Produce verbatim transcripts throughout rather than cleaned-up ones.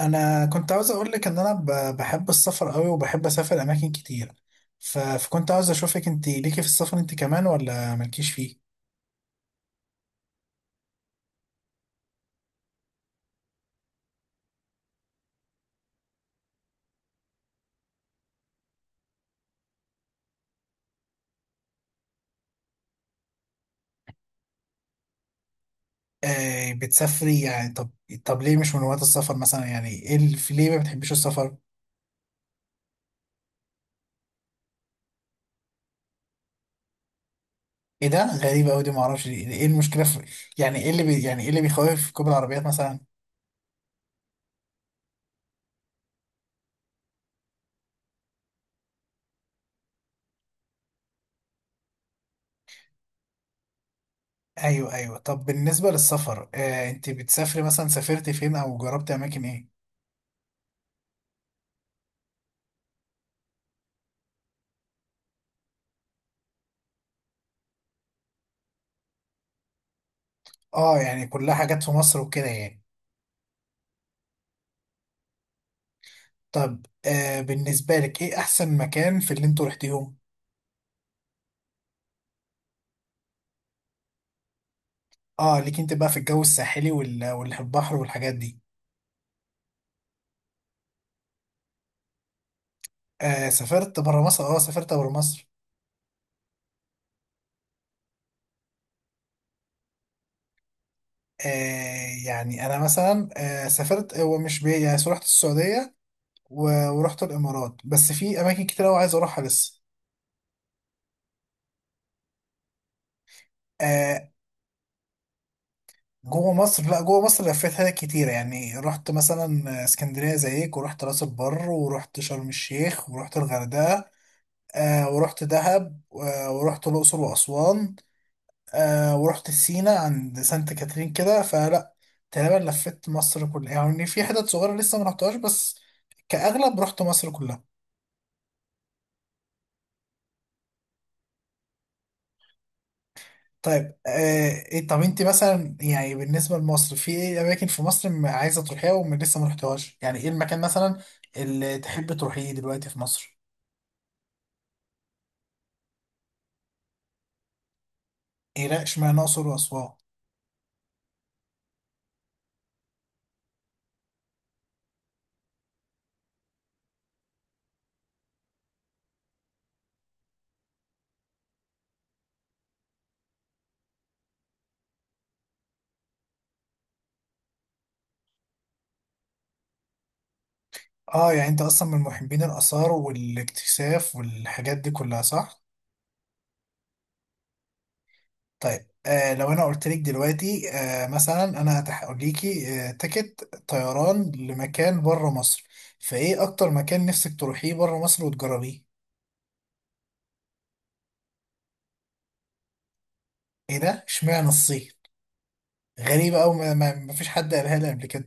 انا كنت عاوز اقول لك ان انا ب- بحب السفر قوي، وبحب اسافر اماكن كتير. ف- فكنت عاوز اشوفك، انت ليكي في السفر انت كمان ولا مالكيش فيه؟ آه، بتسافري يعني. طب طب ليه مش من وقت السفر مثلا، يعني ايه ال- في ليه ما بتحبيش السفر؟ ايه ده، غريبة قوي دي، ما اعرفش ليه. ايه المشكلة في؟ يعني ايه اللي بي يعني ايه اللي بيخوف في ركوب العربيات مثلا؟ ايوه، ايوه. طب بالنسبة للسفر، آه انت بتسافري مثلا، سافرتي فين او جربتي اماكن ايه؟ اه، يعني كلها حاجات في مصر وكده يعني. طب، آه بالنسبة لك ايه احسن مكان في اللي انتوا رحتيهم؟ اه، ليك انت بقى في الجو الساحلي وال- واللي في البحر والحاجات دي. آه، سافرت برا مصر، اه، سافرت برا مصر. آه يعني انا مثلا، آه سافرت، هو مش بي يعني، رحت السعودية، و- ورحت الامارات، بس في اماكن كتير قوي عايز اروحها لسه. آه. جوه مصر، لا، جوه مصر لفيتها كتير، يعني رحت مثلا آه، اسكندرية زيك، ورحت راس البر، ورحت شرم الشيخ، ورحت الغردقة، آه ورحت دهب، آه ورحت الأقصر وأسوان، آه ورحت سينا عند سانت كاترين كده، فلا، تقريبا لفيت مصر كلها، يعني في حتت صغيرة لسه ما رحتهاش بس، كأغلب رحت مصر كلها. طيب، آه إيه- طب انت مثلا، يعني بالنسبة لمصر، في ايه أماكن في مصر م- عايزة تروحيها ولسه ما رحتهاش، يعني ايه المكان مثلا اللي تحب تروحيه دلوقتي في مصر؟ ايه، لا، اشمعنى الأقصر وأسوان؟ اه، يعني انت اصلا من محبين الآثار والاكتشاف والحاجات دي كلها، صح؟ طيب، آه لو انا قلت لك دلوقتي، آه مثلا، انا هقول ليكي آه تيكت طيران لمكان بره مصر، فايه اكتر مكان نفسك تروحيه بره مصر وتجربيه؟ ايه ده، اشمعنى الصين؟ غريبة، او ما, ما ما فيش حد قالها لي قبل كده.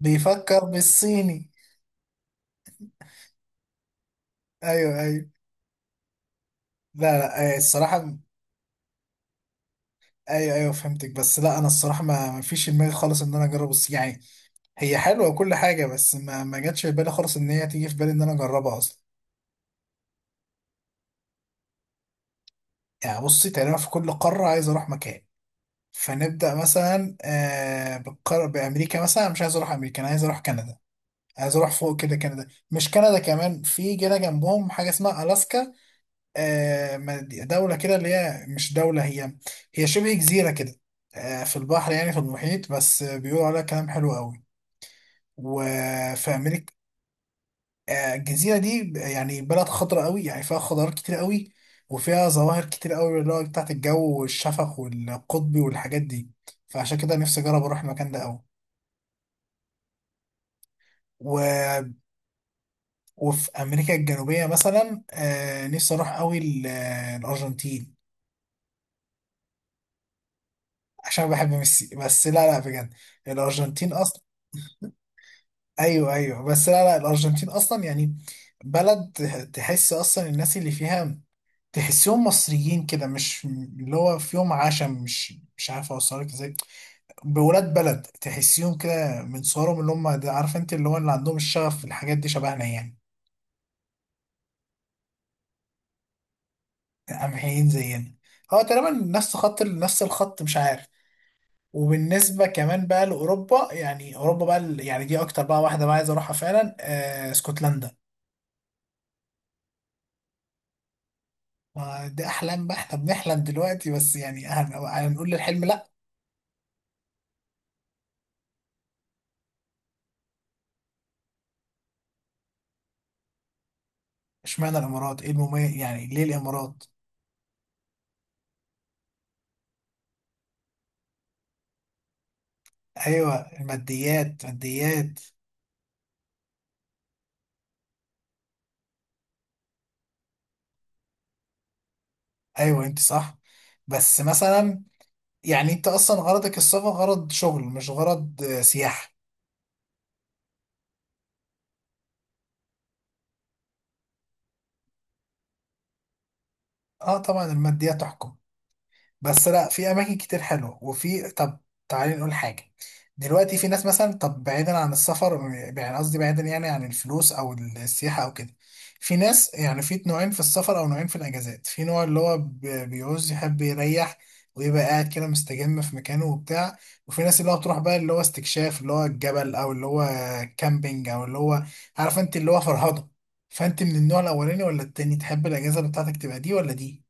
بيفكر بالصيني. ايوه، ايوه. لا، لا، آه الصراحة. ايوه، ايوه، فهمتك، بس لا، انا الصراحة ما, ما فيش في دماغي خالص ان انا اجرب الصين يعني، هي حلوة وكل حاجة، بس ما ما جاتش في بالي خالص ان هي تيجي في بالي ان انا اجربها اصلا. يعني بصي، تقريبا في كل قارة عايز اروح مكان، فنبدأ مثلا آه بالقار... بأمريكا مثلا، أنا مش عايز أروح أمريكا، أنا عايز أروح كندا. عايز أروح فوق كده، كندا. مش كندا، كمان في جنة جنبهم حاجة اسمها ألاسكا. آه مد- دولة كده، اللي هي مش دولة، هي، هي شبه جزيرة كده، آه في البحر، يعني في المحيط، بس بيقولوا عليها كلام حلو قوي. وفي أمريكا، آه، الجزيرة دي ب- يعني بلد خضراء قوي، يعني فيها خضار كتير قوي، وفيها ظواهر كتير قوي، اللي هو بتاعت الجو والشفق والقطبي والحاجات دي، فعشان كده نفسي أجرب أروح المكان ده قوي. و... وفي أمريكا الجنوبية مثلا، آه، نفسي أروح قوي ال- آه، الأرجنتين، عشان بحب ميسي. بس لا، لا، بجد، الأرجنتين أصلا، أيوه، أيوه، بس لا، لا، الأرجنتين أصلا، يعني بلد تحس أصلا الناس اللي فيها، تحسهم مصريين كده، مش اللي هو فيهم عشم، مش مش عارف اوصلك ازاي. بولاد بلد، تحسيهم كده من صورهم، اللي هم، ده عارف انت، اللي هو اللي عندهم الشغف في الحاجات دي شبهنا يعني. قمحيين زينا. هو تقريبا نفس خط نفس الخط، مش عارف. وبالنسبة كمان بقى لأوروبا، يعني أوروبا بقى، ال- يعني دي أكتر بقى واحدة بقى عايز أروحها فعلا، آه اسكتلندا. ما دي أحلام بقى، إحنا بنحلم دلوقتي بس، يعني هن- هنقول للحلم لأ. اشمعنى الإمارات؟ إيه المميز يعني، ليه الإمارات؟ ايوه. الماديات، ماديات. ايوه، انت صح، بس مثلا، يعني انت اصلا غرضك السفر غرض شغل مش غرض آه، سياحه؟ اه، طبعا الماديات تحكم، بس لا، في اماكن كتير حلوه، وفي. طب تعالي نقول حاجه، دلوقتي في ناس مثلا، طب بعيدا عن السفر، يعني قصدي بعيدا يعني عن الفلوس او السياحه او كده، في ناس، يعني في نوعين في السفر او نوعين في الاجازات، في نوع اللي هو ب- بيعوز يحب يريح ويبقى قاعد كده مستجم في مكانه وبتاع، وفي ناس اللي هو بتروح بقى اللي هو استكشاف، اللي هو الجبل، او اللي هو كامبينج، او اللي هو، عارف انت، اللي هو فرهضه. فانت من النوع الاولاني ولا التاني؟ تحب الاجازه بتاعتك تبقى دي ولا دي؟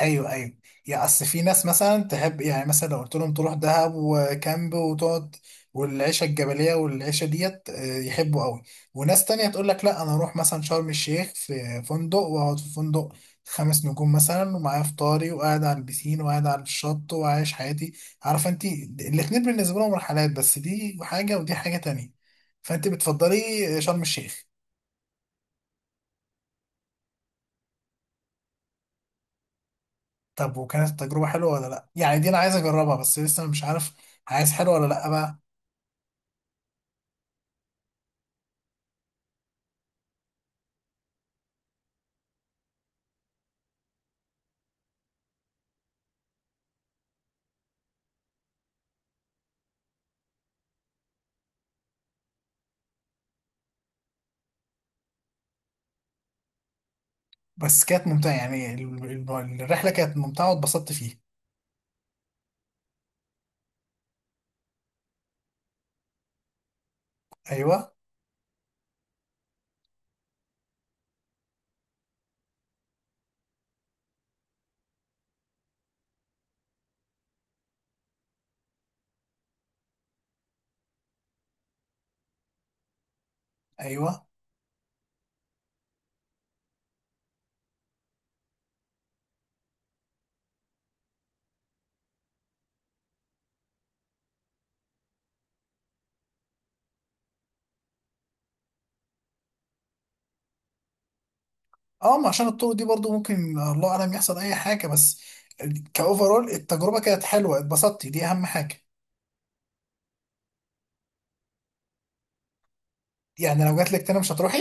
ايوه، ايوه. يا اصل في ناس مثلا تحب، يعني مثلا لو قلت لهم تروح دهب وكامب وتقعد والعيشه الجبليه والعيشه ديت، آه، يحبوا قوي. وناس تانية تقول لك لا، انا اروح مثلا شرم الشيخ في فندق، واقعد في فندق خمس نجوم مثلا، ومعايا فطاري، وقاعد على البسين، وقاعد على الشط، وعايش حياتي. عارفه انت، الاتنين بالنسبه لهم رحلات، بس دي حاجه ودي حاجه تانية. فانت بتفضلي شرم الشيخ؟ طب وكانت التجربه حلوه ولا لا، يعني دي انا عايز اجربها بس لسه مش عارف، عايز حلوه ولا لا بقى. بس كانت ممتعة، يعني ال- ال- الرحلة كانت ممتعة واتبسطت فيها. أيوه، أيوه. أه، ما عشان الطرق دي برضو ممكن الله أعلم يحصل أي حاجة، بس كأوفرول التجربة كانت حلوة، اتبسطتي، دي أهم حاجة. يعني لو جات لك تاني مش هتروحي؟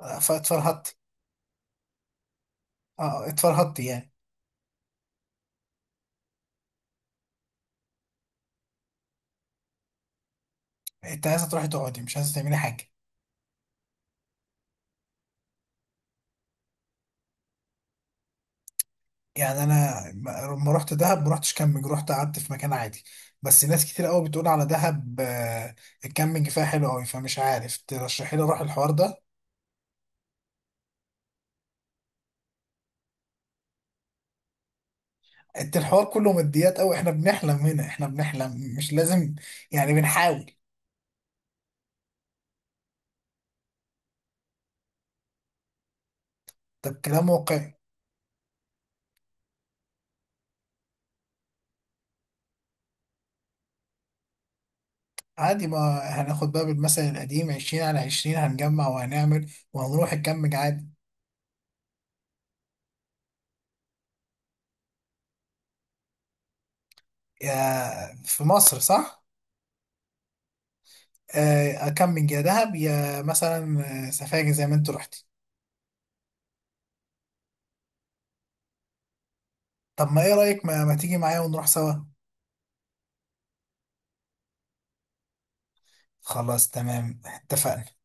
آه، فاتفرهدتي. أه، اتفرهدتي يعني. أنت عايزة تروحي تقعدي مش عايزة تعملي حاجة. يعني أنا لما رحت دهب ما رحتش كامبينج، رحت قعدت في مكان عادي، بس ناس كتير قوي بتقول على دهب، آه، الكامبينج فيها حلو قوي، فمش عارف، ترشحي لي أروح الحوار ده؟ انت الحوار كله ماديات قوي، احنا بنحلم هنا، احنا بنحلم مش لازم، يعني بنحاول. طب كلام واقعي. عادي، ما هناخد بقى بالمثل القديم، عشرين على عشرين، هنجمع وهنعمل وهنروح نكمج عادي. يا في مصر، صح؟ آه، أكمج يا دهب، يا مثلا آه، سفاجة زي ما انت رحتي. طب ما ايه رأيك، ما, ما تيجي معايا ونروح سوا؟ خلاص، تمام، اتفقنا.